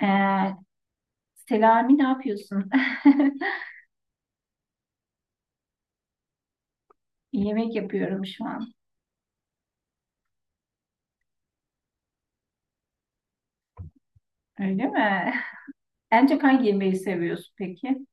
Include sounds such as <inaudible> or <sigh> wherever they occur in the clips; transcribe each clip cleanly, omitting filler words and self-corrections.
Ee, Selami ne yapıyorsun? <laughs> Yemek yapıyorum şu an. Öyle mi? En çok hangi yemeği seviyorsun peki?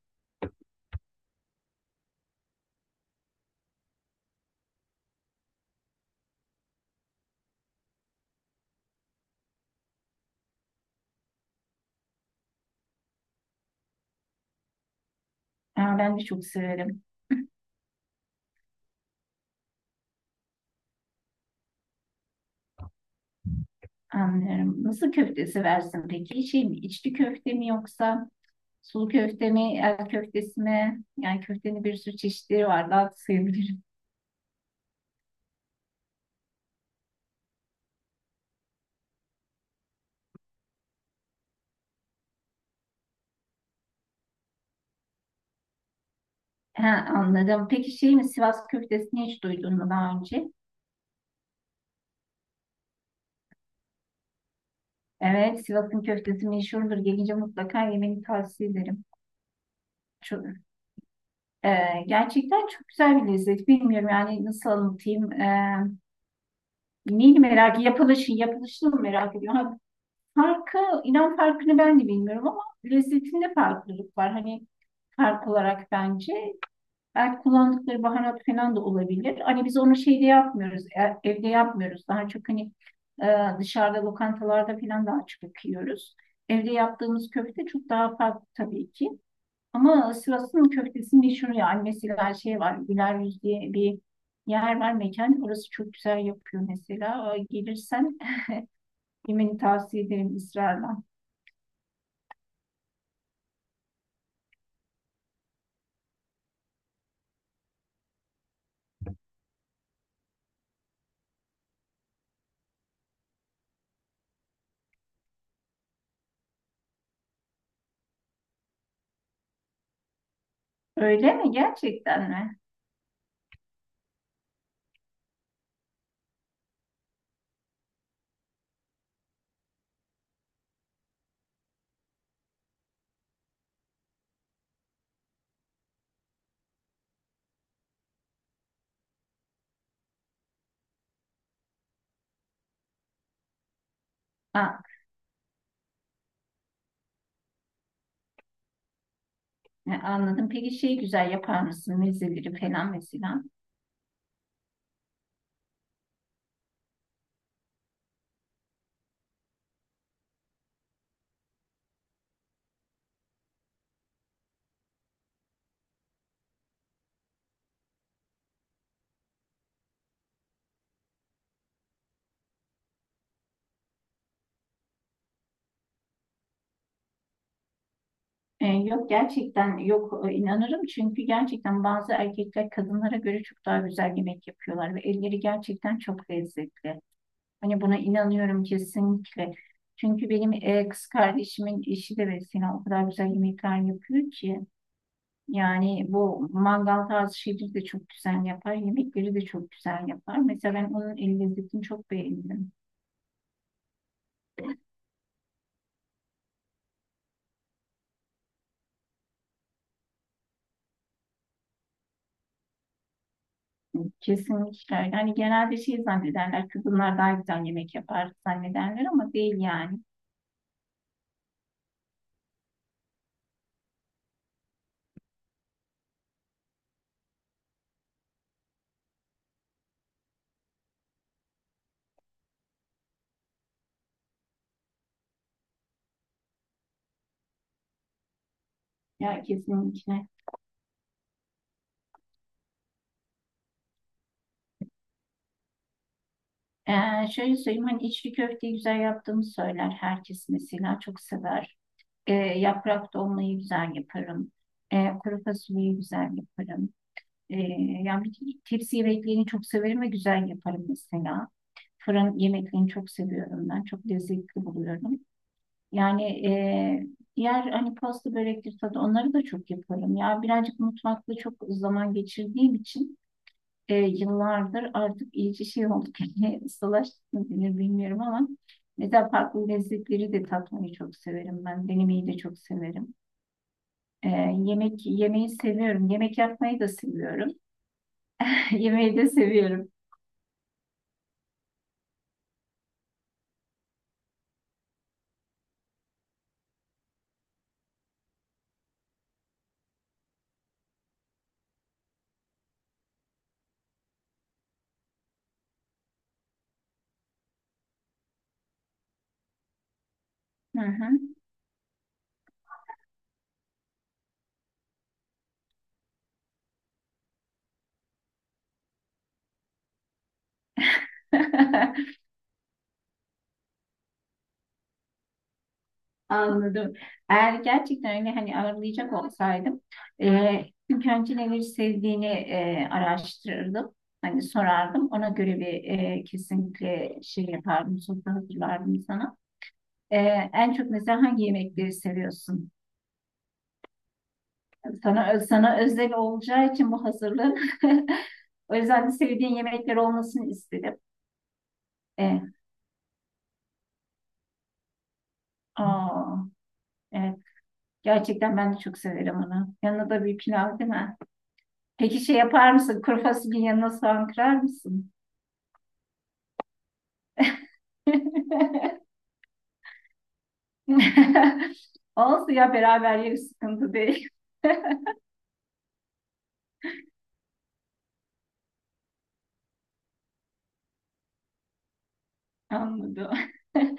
Aa, ben de çok severim. Anlarım. Nasıl köfte seversin peki? Şey mi, içli köfte mi yoksa sulu köfte mi, el köftesi mi? Yani köftenin bir sürü çeşitleri var. Daha da sayabilirim. <laughs> Ha, anladım. Peki şey mi, Sivas köftesini hiç duydun mu daha önce? Evet, Sivas'ın köftesi meşhurdur. Gelince mutlaka yemeni tavsiye ederim. Çok, Ee, Gerçekten çok güzel bir lezzet. Bilmiyorum yani nasıl anlatayım. Neyini merak, yapılışı, yapılışını mı merak ediyorum. Ha, Farkı, inan farkını ben de bilmiyorum ama lezzetinde farklılık var. Hani fark olarak bence. Belki kullandıkları baharat falan da olabilir. Hani biz onu şeyde yapmıyoruz, evde yapmıyoruz. Daha çok hani dışarıda lokantalarda falan daha çok yiyoruz. Evde yaptığımız köfte çok daha farklı tabii ki. Ama Sivas'ın köftesi meşhur ya. Mesela şey var. Güler Yüz diye bir yer var mekan. Orası çok güzel yapıyor mesela. Gelirsen yemeni tavsiye ederim ısrarla. Öyle mi? Gerçekten mi? Aa, anladım. Peki şey güzel yapar mısın? Mezeleri falan mesela. Yok gerçekten yok inanırım. Çünkü gerçekten bazı erkekler kadınlara göre çok daha güzel yemek yapıyorlar ve elleri gerçekten çok lezzetli. Hani buna inanıyorum kesinlikle. Çünkü benim kız kardeşimin eşi de mesela o kadar güzel yemekler yapıyor ki. Yani bu mangal tarzı şeyleri de çok güzel yapar. Yemekleri de çok güzel yapar. Mesela ben onun el lezzetini çok beğendim. Kesinlikle. Öyle. Hani genelde şey zannederler. Kadınlar daha güzel yemek yapar zannederler ama değil yani. Ya kesinlikle. Şöyle söyleyeyim hani içli köfteyi güzel yaptığımı söyler herkes mesela çok sever. Yaprak dolmayı güzel yaparım. Kuru fasulyeyi güzel yaparım. E, Yani bütün tepsi yemeklerini çok severim ve güzel yaparım mesela. Fırın yemeklerini çok seviyorum ben. Çok lezzetli buluyorum. Yani e, diğer hani pasta börektir tadı onları da çok yaparım. Ya birazcık mutfakta çok zaman geçirdiğim için yıllardır artık iyice şey olduk. <laughs> Yani ustalaştık mı <laughs> denir bilmiyorum ama mesela farklı lezzetleri de tatmayı çok severim ben. Denemeyi de çok severim. Ee, Yemek yemeği seviyorum. Yemek yapmayı da seviyorum. <laughs> Yemeği de seviyorum. Hı hı. <laughs> Anladım. Eğer gerçekten öyle hani ağırlayacak olsaydım ilk önce neleri sevdiğini araştırırdım. Hani sorardım. Ona göre bir kesinlikle şey yapardım. Sofra hazırlardım sana. E, En çok mesela hangi yemekleri seviyorsun? Sana, sana özel olacağı için bu hazırlık. <laughs> O yüzden de sevdiğin yemekler olmasını istedim. E, Aa, evet. Gerçekten ben de çok severim onu. Yanına da bir pilav değil mi? Peki şey yapar mısın? Kuru fasulyenin yanına soğan kırar mısın? <laughs> Olsun ya beraber yeriz sıkıntı değil. <laughs> Anladım. <laughs>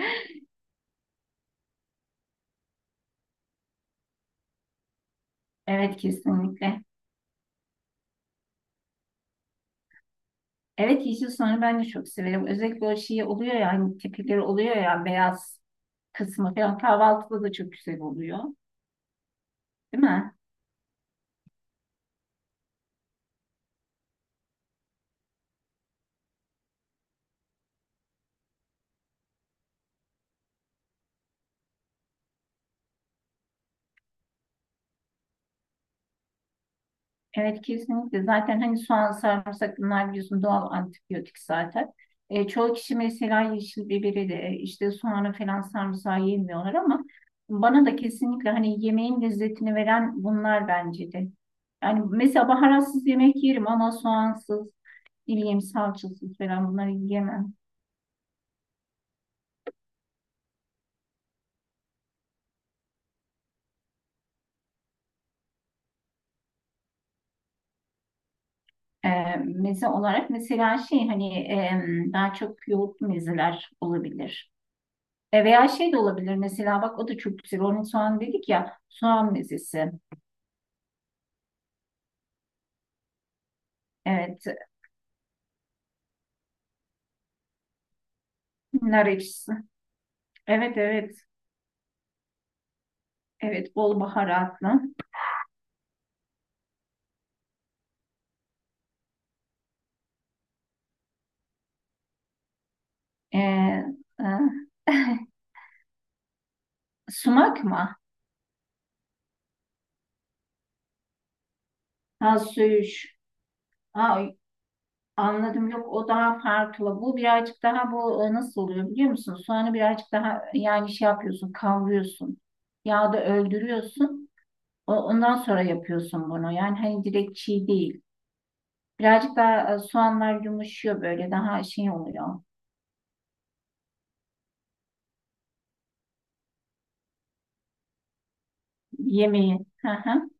Evet kesinlikle. Evet yeşil soğanı ben de çok severim. Özellikle o şey oluyor ya hani tepeleri oluyor ya beyaz kısmı falan kahvaltıda da çok güzel oluyor. Değil mi? Evet kesinlikle. Zaten hani soğan, sarımsak bunlar biliyorsun doğal antibiyotik zaten. Çoğu kişi mesela yeşil biberi de işte soğanı falan sarımsağı yemiyorlar ama bana da kesinlikle hani yemeğin lezzetini veren bunlar bence de. Yani mesela baharatsız yemek yerim ama soğansız, ne bileyim salçasız falan bunları yiyemem. E, Meze olarak mesela şey hani daha çok yoğurt mezeler olabilir. Veya şey de olabilir mesela bak o da çok güzel. Onun soğan dedik ya soğan mezesi. Evet. Nar ekşisi. Evet evet. Evet bol baharatlı. E, e, <laughs> sumak mı? Ha söğüş. Ha anladım yok o daha farklı. Bu birazcık daha bu nasıl oluyor biliyor musun? Soğanı birazcık daha yani şey yapıyorsun kavuruyorsun. Yağda öldürüyorsun. Ondan sonra yapıyorsun bunu. Yani hani direkt çiğ değil. Birazcık daha soğanlar yumuşuyor böyle daha şey oluyor. Yemeği. Hı hı.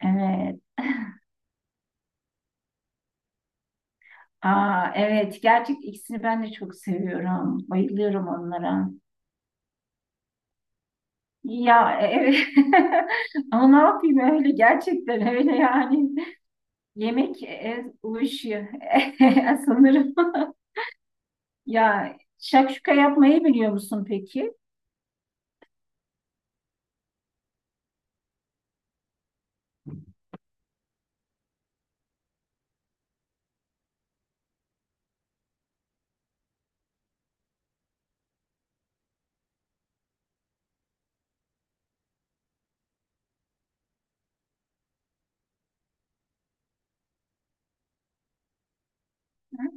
Evet. <laughs> Aa, evet. Gerçek ikisini ben de çok seviyorum. Bayılıyorum onlara. Ya evet. <laughs> Ama ne yapayım öyle gerçekten öyle yani. Yemek uyuşuyor <laughs> sanırım. Ya şakşuka yapmayı biliyor musun peki? Hı?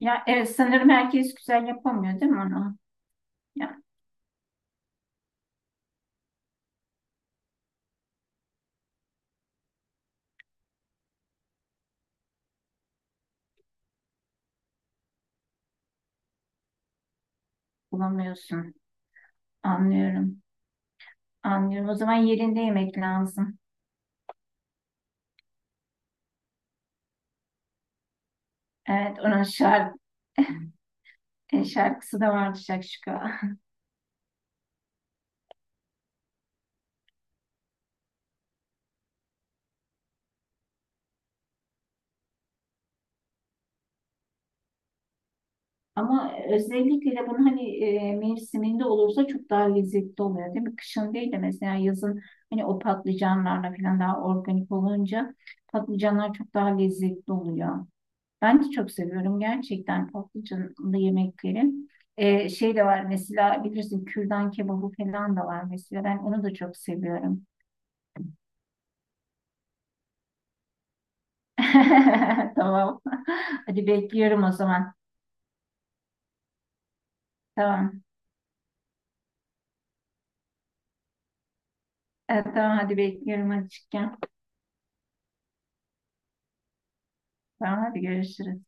Ya evet sanırım herkes güzel yapamıyor değil mi onu? Ya bulamıyorsun. Anlıyorum. Anlıyorum. O zaman yerinde yemek lazım. Evet, onun şarkı, <laughs> şarkısı da vardı Şakşuka. Ama özellikle de bunun hani mevsiminde olursa çok daha lezzetli oluyor değil mi? Kışın değil de mesela yazın hani o patlıcanlarla falan daha organik olunca patlıcanlar çok daha lezzetli oluyor. Ben de çok seviyorum gerçekten patlıcanlı yemekleri. Şey de var mesela bilirsin kürdan kebabı falan da var mesela ben onu da çok seviyorum. <laughs> Tamam. Hadi bekliyorum o zaman. Tamam. Evet, tamam hadi bekliyorum açıkken. Tamam hadi görüşürüz.